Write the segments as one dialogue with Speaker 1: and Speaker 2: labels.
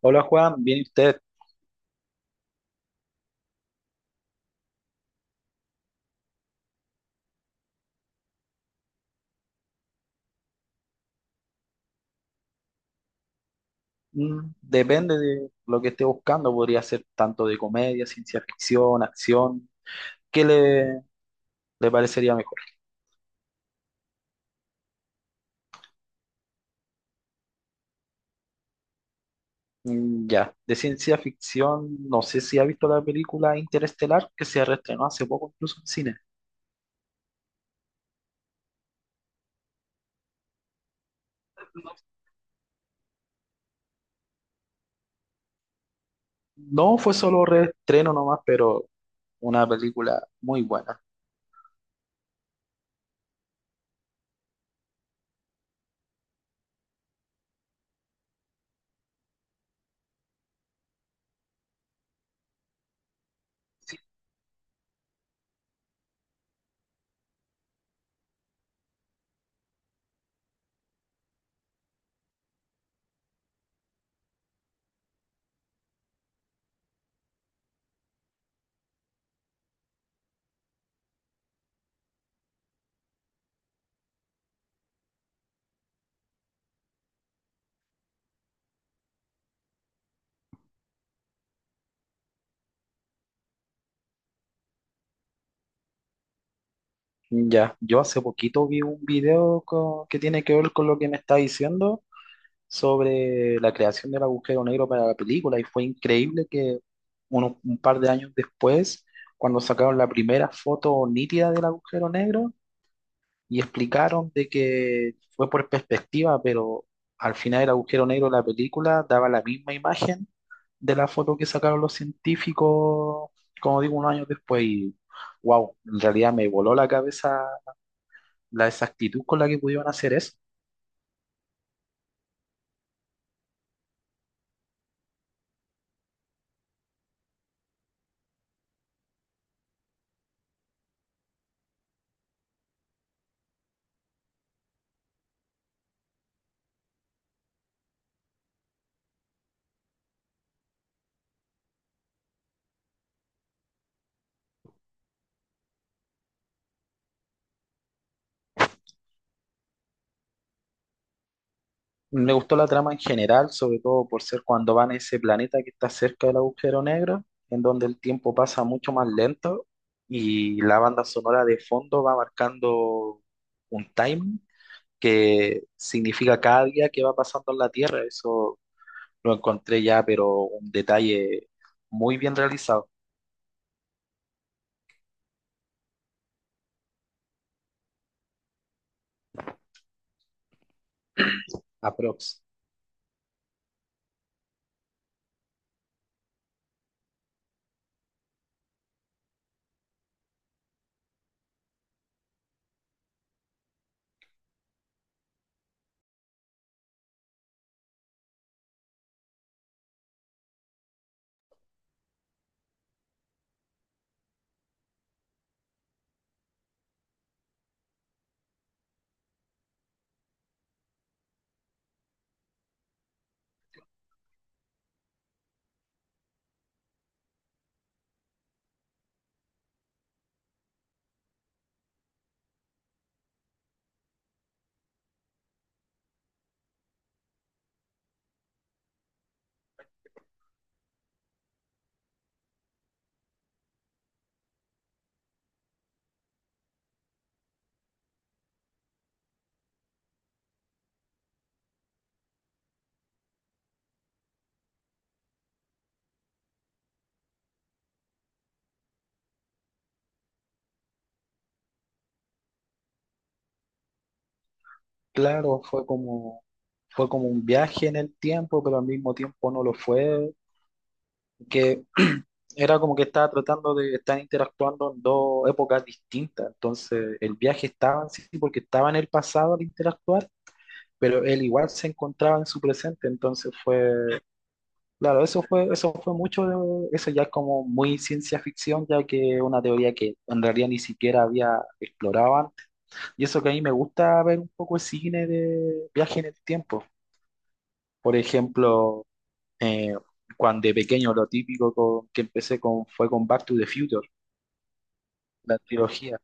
Speaker 1: Hola Juan, ¿viene usted? Depende de lo que esté buscando, podría ser tanto de comedia, ciencia ficción, acción. ¿Qué le, ¿Le parecería mejor? Mm, ya, de ciencia ficción, no sé si ha visto la película Interestelar, que se reestrenó hace poco incluso en cine. No fue solo reestreno nomás, pero una película muy buena. Ya, yo hace poquito vi un video que tiene que ver con lo que me está diciendo sobre la creación del agujero negro para la película y fue increíble que un par de años después, cuando sacaron la primera foto nítida del agujero negro y explicaron de que fue por perspectiva, pero al final el agujero negro de la película daba la misma imagen de la foto que sacaron los científicos, como digo, unos años después y wow, en realidad me voló la cabeza la exactitud con la que pudieron hacer eso. Me gustó la trama en general, sobre todo por ser cuando van a ese planeta que está cerca del agujero negro, en donde el tiempo pasa mucho más lento y la banda sonora de fondo va marcando un time que significa cada día que va pasando en la Tierra. Eso lo encontré ya, pero un detalle muy bien realizado, aprox. Claro, fue como un viaje en el tiempo, pero al mismo tiempo no lo fue. Que era como que estaba tratando de estar interactuando en dos épocas distintas. Entonces, el viaje estaba en sí sí, porque estaba en el pasado al interactuar, pero él igual se encontraba en su presente. Entonces fue, claro, eso fue mucho de, eso ya es como muy ciencia ficción, ya que es una teoría que en realidad ni siquiera había explorado antes. Y eso que a mí me gusta ver un poco el cine de viaje en el tiempo. Por ejemplo, eh, cuando de pequeño lo típico que empecé con fue con Back to the Future, la trilogía.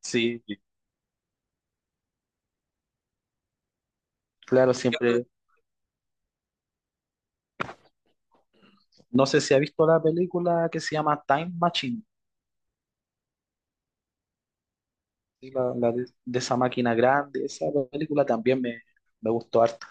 Speaker 1: Sí, claro, siempre. No sé si ha visto la película que se llama Time Machine, sí, la de esa máquina grande, esa película también me gustó harto.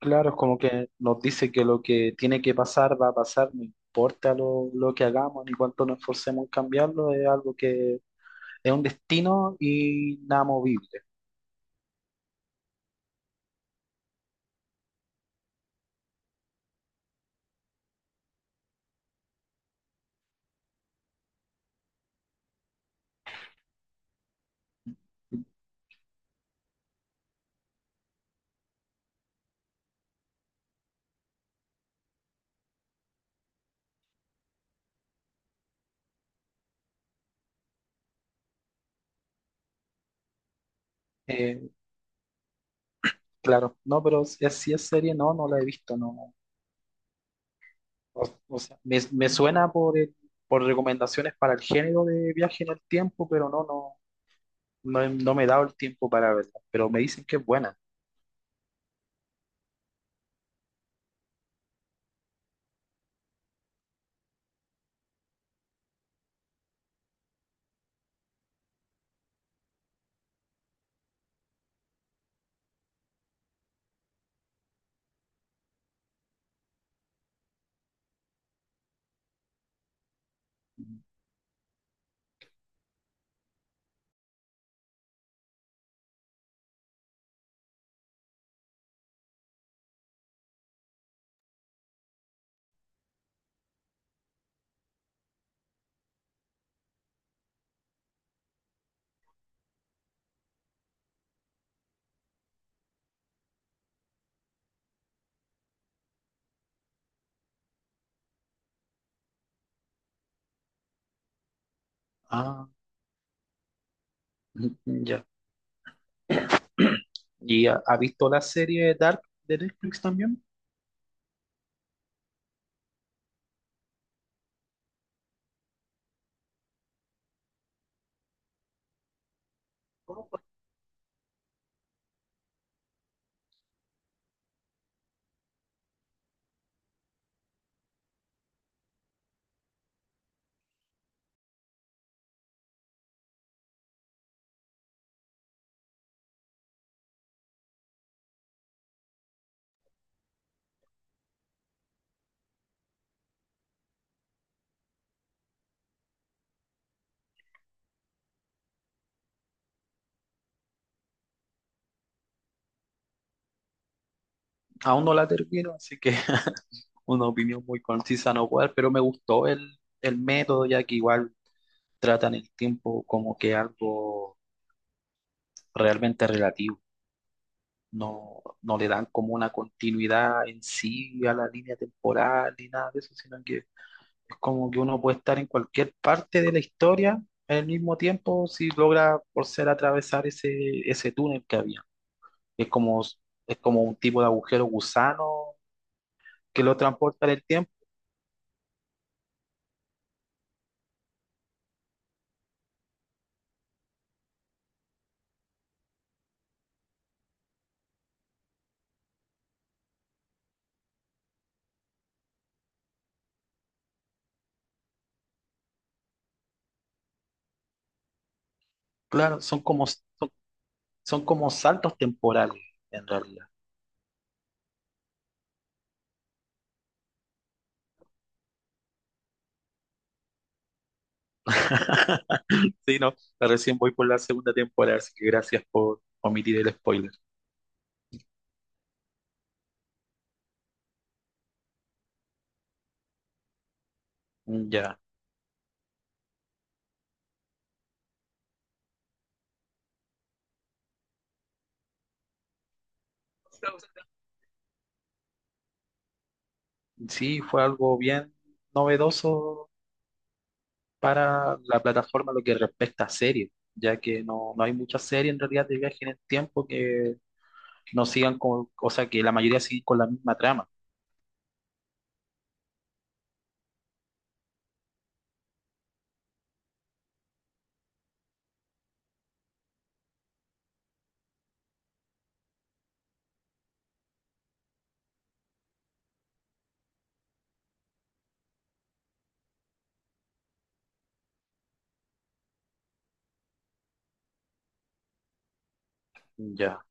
Speaker 1: Claro, es como que nos dice que lo que tiene que pasar va a pasar, no importa lo que hagamos ni cuánto nos esforcemos en cambiarlo, es algo que es un destino inamovible. Eh, claro, no, pero si así es serie, no, no la he visto. No, o sea, me suena por recomendaciones para el género de viaje en el tiempo, pero no, no, no, no me he dado el tiempo para verla. Pero me dicen que es buena. Ah, mm, ya. ¿Y ha, ha visto la serie Dark de Netflix también? Aún no la termino, así que una opinión muy concisa no puedo dar, pero me gustó el método, ya que igual tratan el tiempo como que algo realmente relativo. No, no le dan como una continuidad en sí a la línea temporal ni nada de eso, sino que es como que uno puede estar en cualquier parte de la historia al mismo tiempo si logra por ser atravesar ese, ese túnel que había. Es como, es como un tipo de agujero gusano que lo transporta en el tiempo. Claro, son como saltos temporales en realidad. Sí, no, recién voy por la segunda temporada, así que gracias por omitir el spoiler. Ya. Sí, fue algo bien novedoso para la plataforma lo que respecta a series, ya que no, no hay muchas series en realidad de viaje en el tiempo que no sigan con, o sea, que la mayoría sigue con la misma trama. Ya.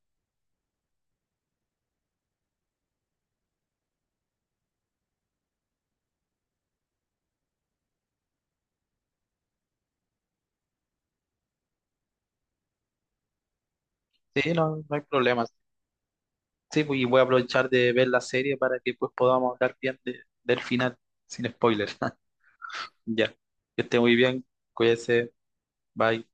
Speaker 1: Sí, no, no hay problema. Sí, pues, y voy a aprovechar de ver la serie para que pues podamos hablar bien del final, sin spoilers. Ya. Que esté muy bien, cuídese, bye.